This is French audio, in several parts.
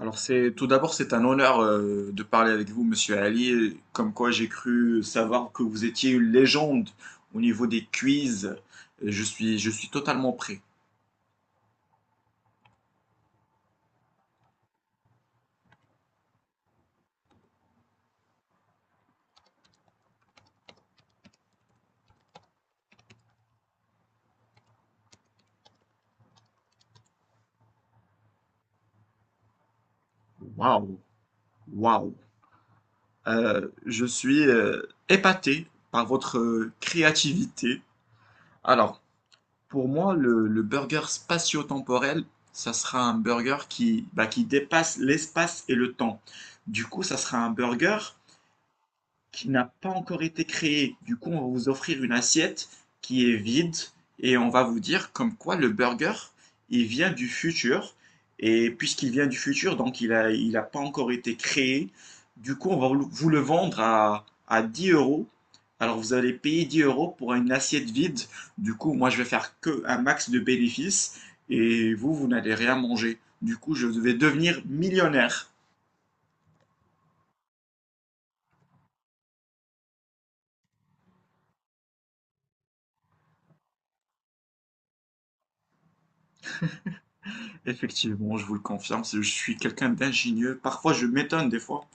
Alors, c'est tout d'abord c'est un honneur de parler avec vous, Monsieur Ali. Comme quoi j'ai cru savoir que vous étiez une légende au niveau des quiz. Je suis totalement prêt. Waouh, waouh. Je suis épaté par votre créativité. Alors, pour moi, le burger spatio-temporel, ça sera un burger qui dépasse l'espace et le temps. Du coup, ça sera un burger qui n'a pas encore été créé. Du coup, on va vous offrir une assiette qui est vide et on va vous dire comme quoi le burger, il vient du futur. Et puisqu'il vient du futur, donc il a pas encore été créé. Du coup, on va le vendre à 10 euros. Alors, vous allez payer 10 euros pour une assiette vide. Du coup, moi, je vais faire que un max de bénéfices et vous, vous n'allez rien manger. Du coup, je vais devenir millionnaire. Effectivement, je vous le confirme, je suis quelqu'un d'ingénieux. Parfois, je m'étonne des fois.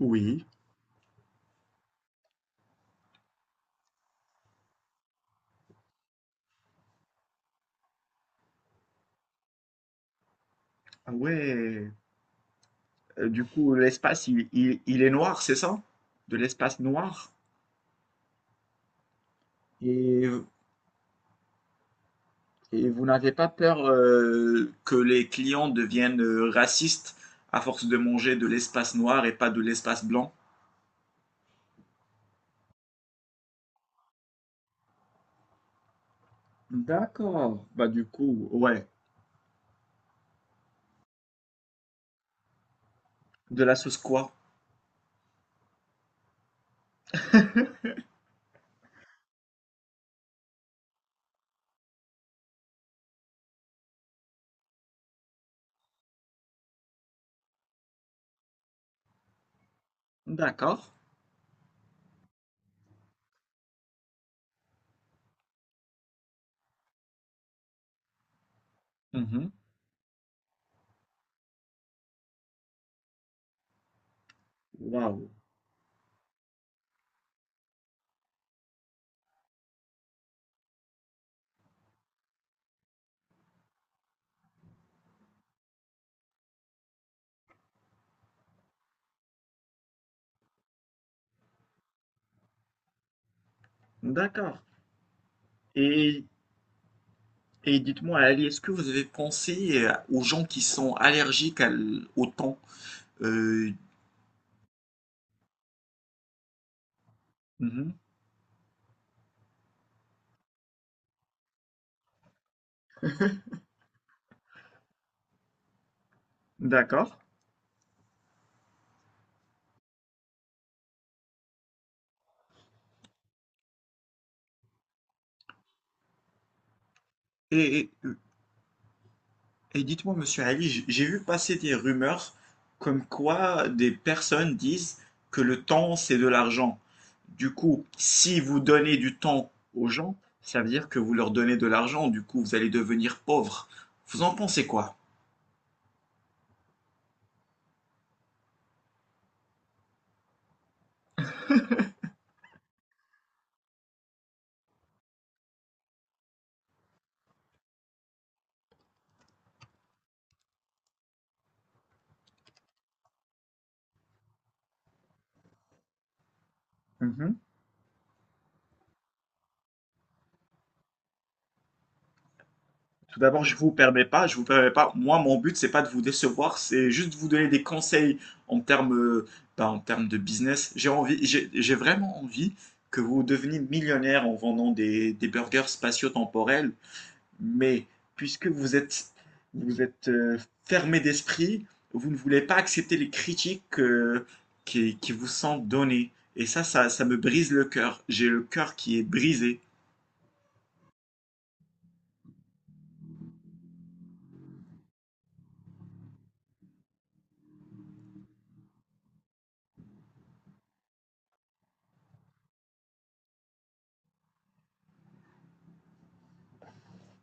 Oui. Ah ouais. Du coup, l'espace, il est noir, c'est ça? De l'espace noir? Et, Et vous n'avez pas peur que les clients deviennent racistes à force de manger de l'espace noir et pas de l'espace blanc? D'accord. Bah, du coup, ouais. De la sauce quoi? D'accord. Mhm. Waouh. D'accord. Et Et dites-moi, Ali, est-ce que vous avez pensé aux gens qui sont allergiques au thon? Euh, mhm, d'accord. Et, et- euh, et dites-moi, monsieur Ali, j'ai vu passer des rumeurs comme quoi des personnes disent que le temps, c'est de l'argent. Du coup, si vous donnez du temps aux gens, ça veut dire que vous leur donnez de l'argent. Du coup, vous allez devenir pauvre. Vous en pensez quoi? Tout d'abord, je vous permets pas, je vous permets pas. Moi, mon but, c'est pas de vous décevoir, c'est juste de vous donner des conseils en termes, euh, en termes de business. J'ai envie, j'ai vraiment envie que vous deveniez millionnaire en vendant des burgers spatio-temporels. Mais puisque vous êtes fermé d'esprit, vous ne voulez pas accepter les critiques qui vous sont données. Et ça me brise le cœur. J'ai le cœur qui est brisé.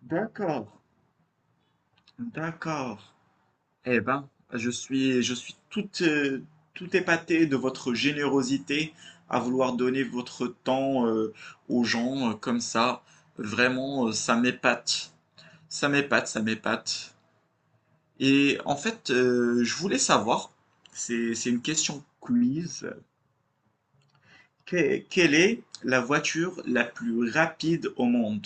D'accord, d'accord. Eh ben, je suis tout épaté de votre générosité à vouloir donner votre temps aux gens comme ça. Vraiment, ça m'épate. Ça m'épate, ça m'épate. Et en fait, je voulais savoir, c'est une question quiz, quelle est la voiture la plus rapide au monde?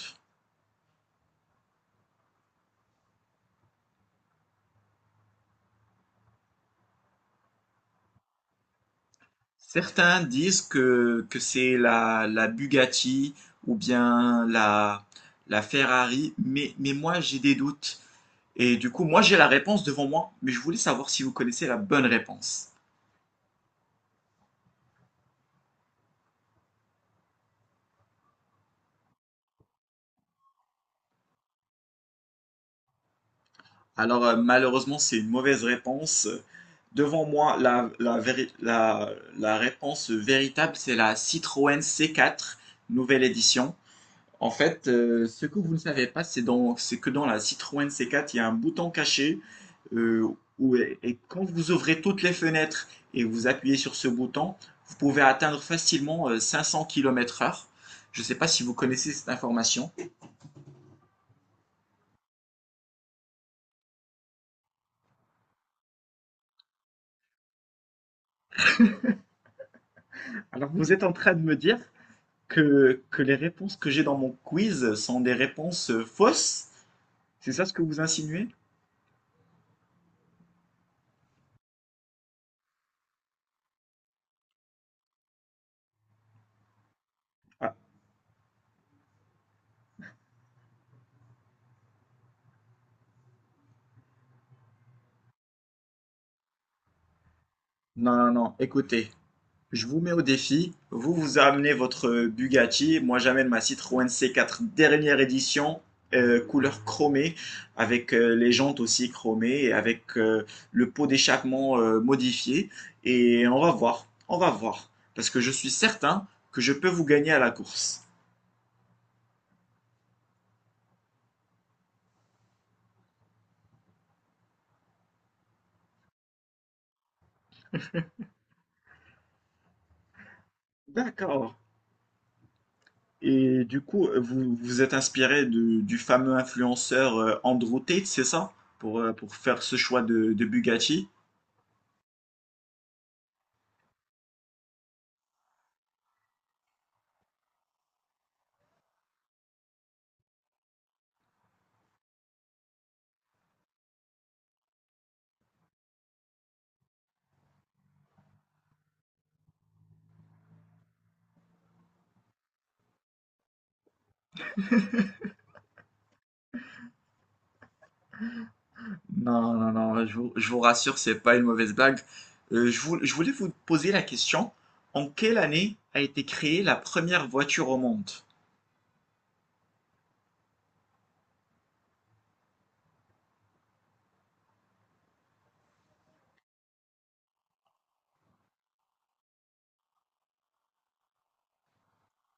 Certains disent que c'est la Bugatti ou bien la Ferrari, mais moi j'ai des doutes. Et du coup, moi j'ai la réponse devant moi, mais je voulais savoir si vous connaissez la bonne réponse. Alors, malheureusement, c'est une mauvaise réponse. Devant moi, la réponse véritable, c'est la Citroën C4, nouvelle édition. En fait, ce que vous ne savez pas, c'est que dans la Citroën C4, il y a un bouton caché euh, et quand vous ouvrez toutes les fenêtres et vous appuyez sur ce bouton, vous pouvez atteindre facilement 500 km/h. Je ne sais pas si vous connaissez cette information. Alors, vous êtes en train de me dire que les réponses que j'ai dans mon quiz sont des réponses fausses? C'est ça ce que vous insinuez? Ah, non, non, non, écoutez. Je vous mets au défi. Vous, vous amenez votre Bugatti. Moi, j'amène ma Citroën C4 dernière édition, couleur chromée, avec les jantes aussi chromées et avec le pot d'échappement modifié. Et on va voir. On va voir. Parce que je suis certain que je peux vous gagner à la course. D'accord. Et du coup, vous vous êtes inspiré du fameux influenceur Andrew Tate, c'est ça? Pour faire ce choix de Bugatti. Non, non, non, je vous rassure, c'est pas une mauvaise blague. Je voulais vous poser la question, en quelle année a été créée la première voiture au monde?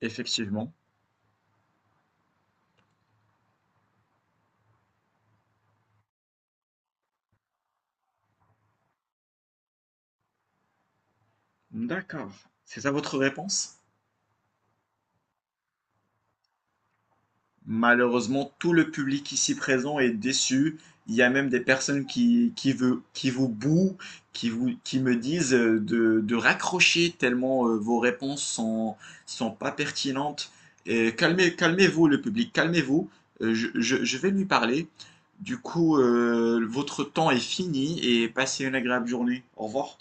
Effectivement. D'accord. C'est ça votre réponse? Malheureusement, tout le public ici présent est déçu. Il y a même des personnes qui vous bouent, qui me disent de raccrocher tellement vos réponses sont pas pertinentes. Et calmez-vous, le public, calmez-vous. Je vais lui parler. Du coup, votre temps est fini et passez une agréable journée. Au revoir.